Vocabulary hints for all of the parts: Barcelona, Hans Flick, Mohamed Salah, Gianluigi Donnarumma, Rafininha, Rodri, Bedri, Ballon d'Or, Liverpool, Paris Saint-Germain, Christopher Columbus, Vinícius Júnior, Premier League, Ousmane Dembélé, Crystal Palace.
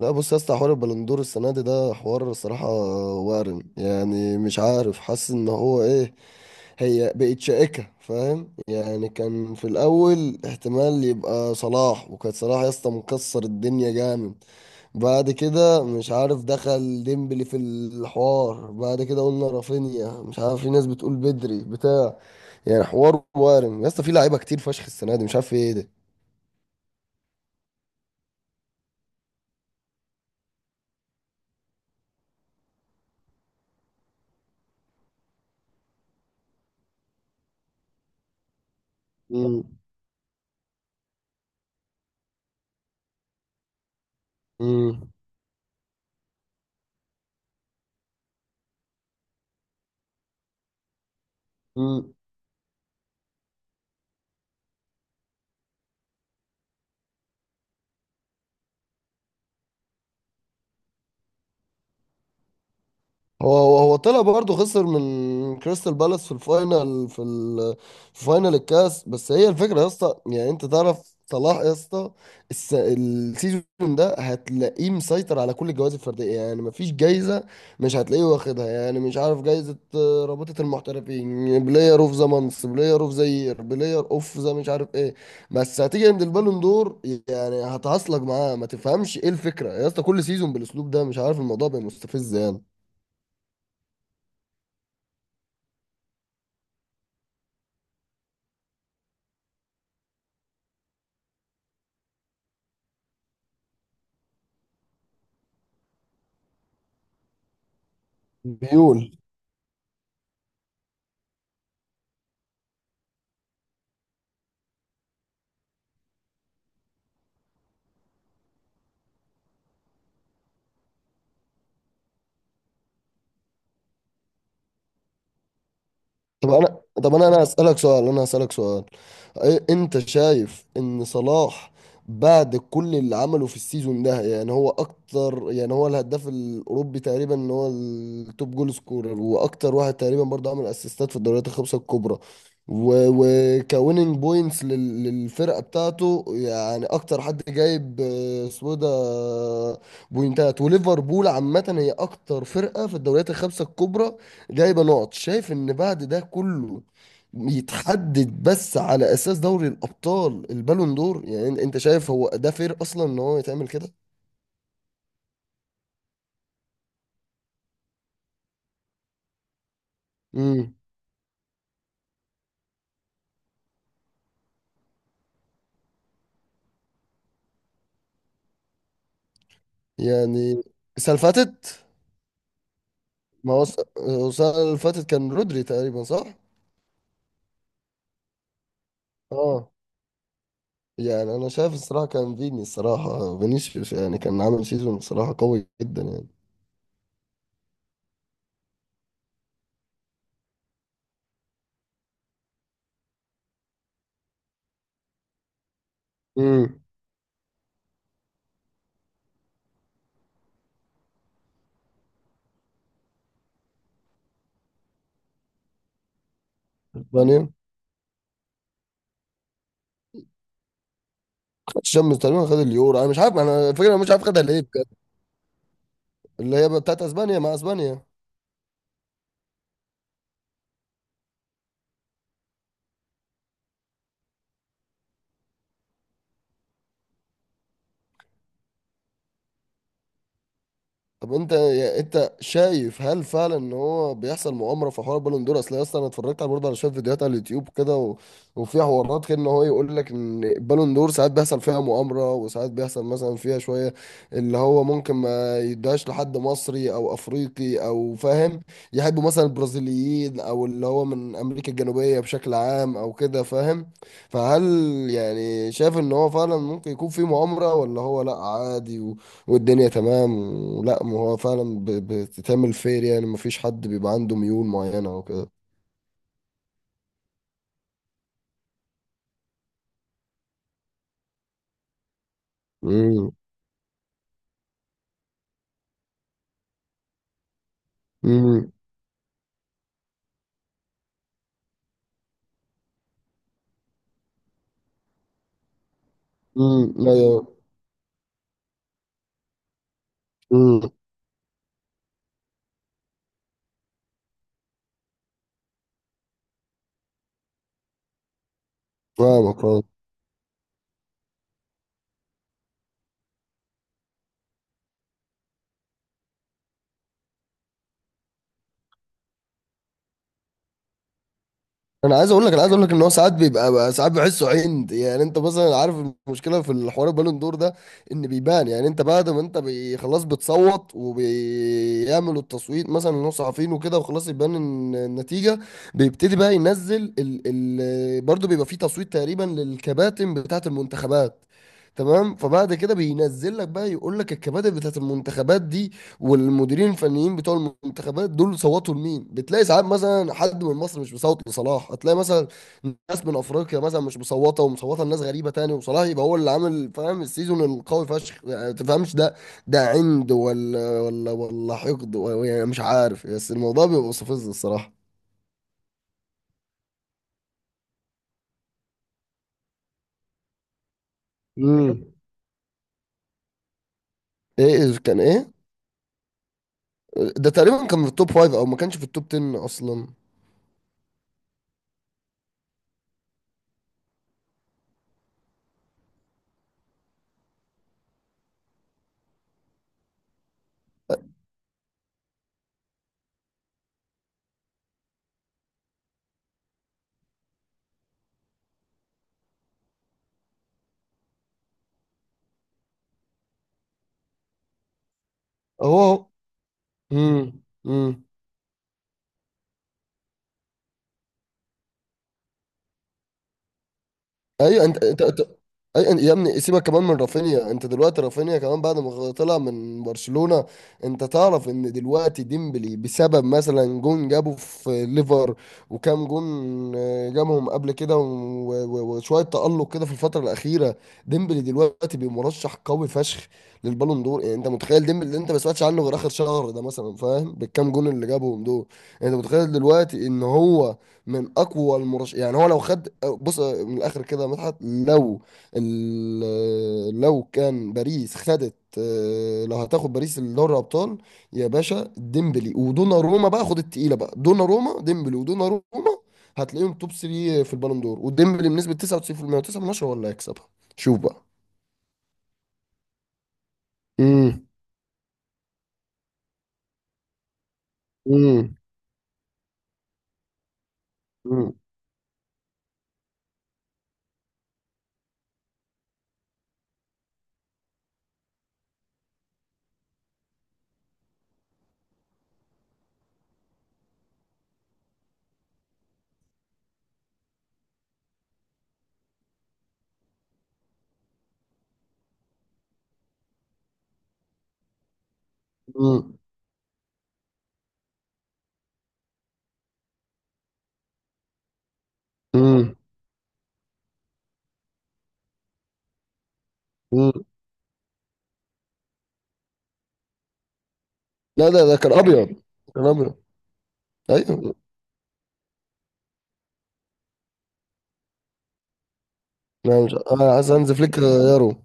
لا، بص يا اسطى، حوار البلندور السنه دي ده حوار الصراحه وارم. يعني مش عارف، حاسس ان هو ايه. هي بقت شائكه، فاهم؟ يعني كان في الاول احتمال يبقى صلاح، وكان صلاح يا اسطى مكسر الدنيا جامد. بعد كده مش عارف، دخل ديمبلي في الحوار. بعد كده قلنا رافينيا، مش عارف، في ناس بتقول بدري بتاع. يعني حوار وارم يا اسطى، في لعيبه كتير فشخ السنه دي، مش عارف ايه ده. امم امم هو طلع برضه، خسر من كريستال بالاس في الفاينل في فاينل الكاس. بس هي الفكره يا اسطى، يعني انت تعرف صلاح يا اسطى، السيزون ده هتلاقيه مسيطر على كل الجوائز الفرديه. يعني مفيش جايزه مش هتلاقيه واخدها. يعني مش عارف، جايزه رابطه المحترفين، بلاير اوف ذا مانس، بلاير اوف ذا يير، بلاير اوف ذا مش عارف ايه. بس هتيجي عند البالون دور، يعني هتعصلك معاه، ما تفهمش ايه الفكره يا اسطى. كل سيزون بالاسلوب ده، مش عارف، الموضوع بقى مستفز يعني. ميول. طب انا، انا اسالك سؤال، انت شايف ان صلاح بعد كل اللي عمله في السيزون ده، يعني هو اكتر، يعني هو الهداف الاوروبي تقريبا، ان هو التوب جول سكورر، واكتر واحد تقريبا برضه عمل اسيستات في الدوريات الخمسه الكبرى وكويننج بوينتس للفرقه بتاعته. يعني اكتر حد جايب آه، اسمه إيه ده آه، بوينتات. وليفربول عامه هي اكتر فرقه في الدوريات الخمسه الكبرى جايبه نقط. شايف ان بعد ده كله يتحدد بس على اساس دوري الابطال البالون دور، يعني انت شايف هو ده فير اصلا ان هو يتعمل كده؟ امم. يعني السنه اللي فاتت. ما هو هو السنه اللي فاتت كان رودري تقريبا، صح؟ اه. يعني انا شايف الصراحه كان فيني، الصراحه فينيسيوس، يعني كان عامل سيزون الصراحه قوي جدا يعني. امم. اسبانيا ما خدش شمس تقريبا، خد اليورو. انا مش عارف، انا الفكره، انا مش عارف خدها ليه بجد. اللي هي بتاعت اسبانيا، مع اسبانيا. طب انت يعني، انت شايف هل فعلا ان هو بيحصل مؤامره في حوار بالون دور؟ اصل يا اسطى انا اتفرجت على برضه، على شويه فيديوهات على اليوتيوب كده، و... وفي حوارات كده ان هو يقول لك ان البالون دور ساعات بيحصل فيها مؤامره، وساعات بيحصل مثلا فيها شويه اللي هو ممكن ما يدهاش لحد مصري او افريقي، او فاهم، يحبوا مثلا البرازيليين او اللي هو من امريكا الجنوبيه بشكل عام او كده، فاهم؟ فهل، يعني شايف ان هو فعلا ممكن يكون في مؤامره؟ ولا هو لا عادي والدنيا تمام؟ ولا ما هو فعلا بتتعمل فير، يعني مفيش حد بيبقى عنده ميول معينة وكده؟ امم. امم. امم. ايوه. امم. فاهمك. انا عايز اقول لك، ان هو ساعات بيبقى بقى، ساعات بحسه عند. يعني انت مثلا عارف المشكله في الحوار البالون دور ده، ان بيبان. يعني انت بعد ما انت خلاص بتصوت، وبيعملوا التصويت مثلا ان هو صحفيين وكده، وخلاص يبان ان النتيجه، بيبتدي بقى ينزل ال برضه، بيبقى فيه تصويت تقريبا للكباتن بتاعه المنتخبات، تمام؟ فبعد كده بينزل لك بقى، يقول لك الكباتن بتاعه المنتخبات دي والمديرين الفنيين بتوع المنتخبات دول صوتوا لمين. بتلاقي ساعات مثلا حد من مصر مش مصوت لصلاح، هتلاقي مثلا ناس من افريقيا مثلا مش مصوته، ومصوته لناس غريبه تاني، وصلاح يبقى هو اللي عامل، فاهم، السيزون القوي فشخ، يعني تفهمش ده. ده عند ولا، ولا حقد، ولا يعني مش عارف، بس الموضوع بيبقى مستفز الصراحه. امم. ايه كان ايه؟ ده تقريبا كان في التوب فايف، او ما كانش في التوب 10 اصلا. اهو اهو. امم. ايوه. انت يا ابني سيبك كمان من رافينيا. انت دلوقتي رافينيا كمان بعد ما طلع من برشلونة، انت تعرف ان دلوقتي ديمبلي بسبب مثلا جون جابه في ليفر وكام جون جابهم قبل كده، وشوية تألق كده في الفترة الأخيرة. ديمبلي دلوقتي بمرشح قوي فشخ للبالون دور. يعني انت متخيل ديمبلي اللي انت ما سمعتش عنه غير آخر شهر ده مثلا، فاهم، بالكام جون اللي جابهم دول. يعني انت متخيل دلوقتي ان هو من اقوى المرشح؟ يعني هو لو خد، بص من الاخر كده يا مدحت، لو لو كان باريس خدت، لو هتاخد باريس الدوري الابطال يا باشا، ديمبلي ودوناروما بقى خد التقيله بقى. دوناروما، ديمبلي ودوناروما هتلاقيهم توب 3 في البالون دور، وديمبلي بنسبه 99% و9 من 10 ولا هيكسبها. شوف بقى. امم. امم. امم. امم. امم. لا، ده كان ابيض، كان ابيض. ايوه. لا، مش، انا عايز هانز فليك يارو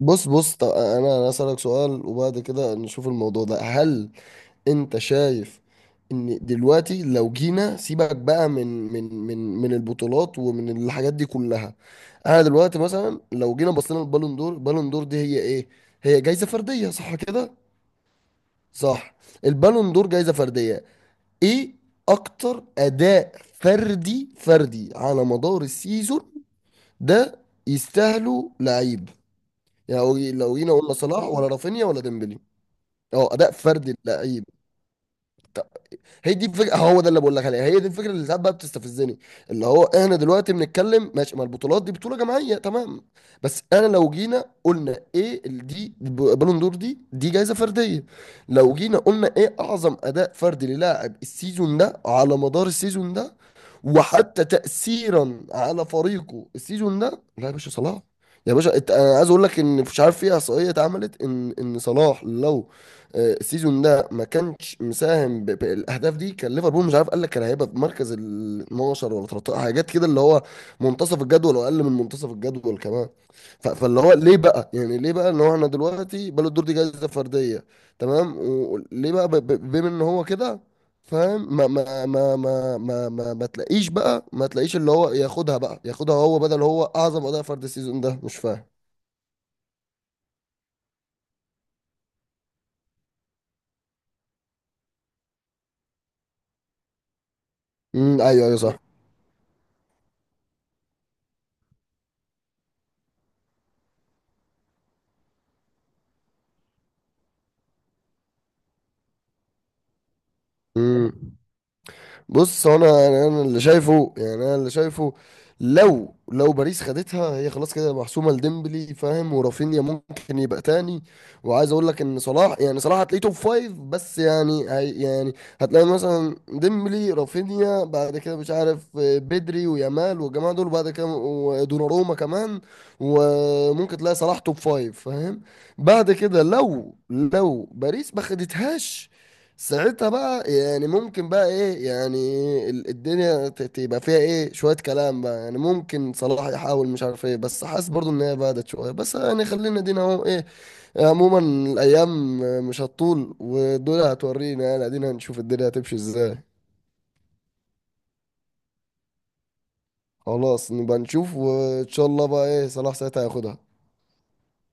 بص، بص، طب انا اسالك سؤال، وبعد كده نشوف الموضوع ده. هل انت شايف ان دلوقتي لو جينا، سيبك بقى من البطولات ومن الحاجات دي كلها، انا دلوقتي مثلا لو جينا بصينا للبالون دور، البالون دور دي هي ايه؟ هي جايزة فردية، صح كده؟ صح. البالون دور جايزة فردية. ايه؟ اكتر اداء فردي على مدار السيزون ده. يستاهلوا لعيب. يعني لو لو جينا قلنا صلاح ولا رافينيا ولا ديمبلي، اه اداء فردي اللعيب. طب. هي دي الفكره، هو ده اللي بقول لك عليها، هي دي الفكره اللي ساعات بقى بتستفزني. اللي هو احنا دلوقتي بنتكلم ماشي، ما البطولات دي بطوله جماعيه، تمام. بس انا لو جينا قلنا ايه دي بالون دور، دي جائزه فرديه. لو جينا قلنا ايه اعظم اداء فردي للاعب السيزون ده، على مدار السيزون ده، وحتى تاثيرا على فريقه السيزون ده، لا يا باشا صلاح. يا باشا انا عايز اقول لك ان مش عارف في احصائيه اتعملت ان صلاح لو السيزون ده ما كانش مساهم بالاهداف دي، كان ليفربول، مش عارف، قال لك كان هيبقى في مركز ال 12 ولا 13، حاجات كده، اللي هو منتصف الجدول واقل من منتصف الجدول كمان. فاللي هو ليه بقى، يعني ليه بقى ان هو احنا دلوقتي بالون دور دي جائزه فرديه تمام، وليه بقى بما ان هو كده، فاهم، ما تلاقيش بقى، ما تلاقيش اللي هو ياخدها بقى، ياخدها هو بدل هو اعظم اداء فرد السيزون ده، مش فاهم. امم. ايوه صح. امم. بص، هو انا انا أنا اللي شايفه، يعني انا اللي شايفه، لو باريس خدتها هي خلاص كده محسومه لديمبلي، فاهم، ورافينيا ممكن يبقى تاني. وعايز اقول لك ان صلاح، يعني صلاح هتلاقيه توب فايف بس يعني، هي يعني هتلاقي مثلا ديمبلي، رافينيا، بعد كده مش عارف بدري ويامال والجماعه دول، بعد كده ودوناروما كمان. وممكن تلاقي صلاح توب فايف فاهم. بعد كده لو باريس ما خدتهاش، ساعتها بقى يعني ممكن بقى ايه، يعني الدنيا تبقى فيها ايه شوية كلام بقى، يعني ممكن صلاح يحاول، مش عارف ايه، بس حاسس برضو ان هي بعدت شوية. بس يعني خلينا، دينا اهو، ايه، عموما الايام مش هتطول، ودول هتورينا، يعني ادينا هنشوف الدنيا هتمشي ازاي. خلاص نبقى نشوف، وان شاء الله بقى ايه صلاح ساعتها هياخدها.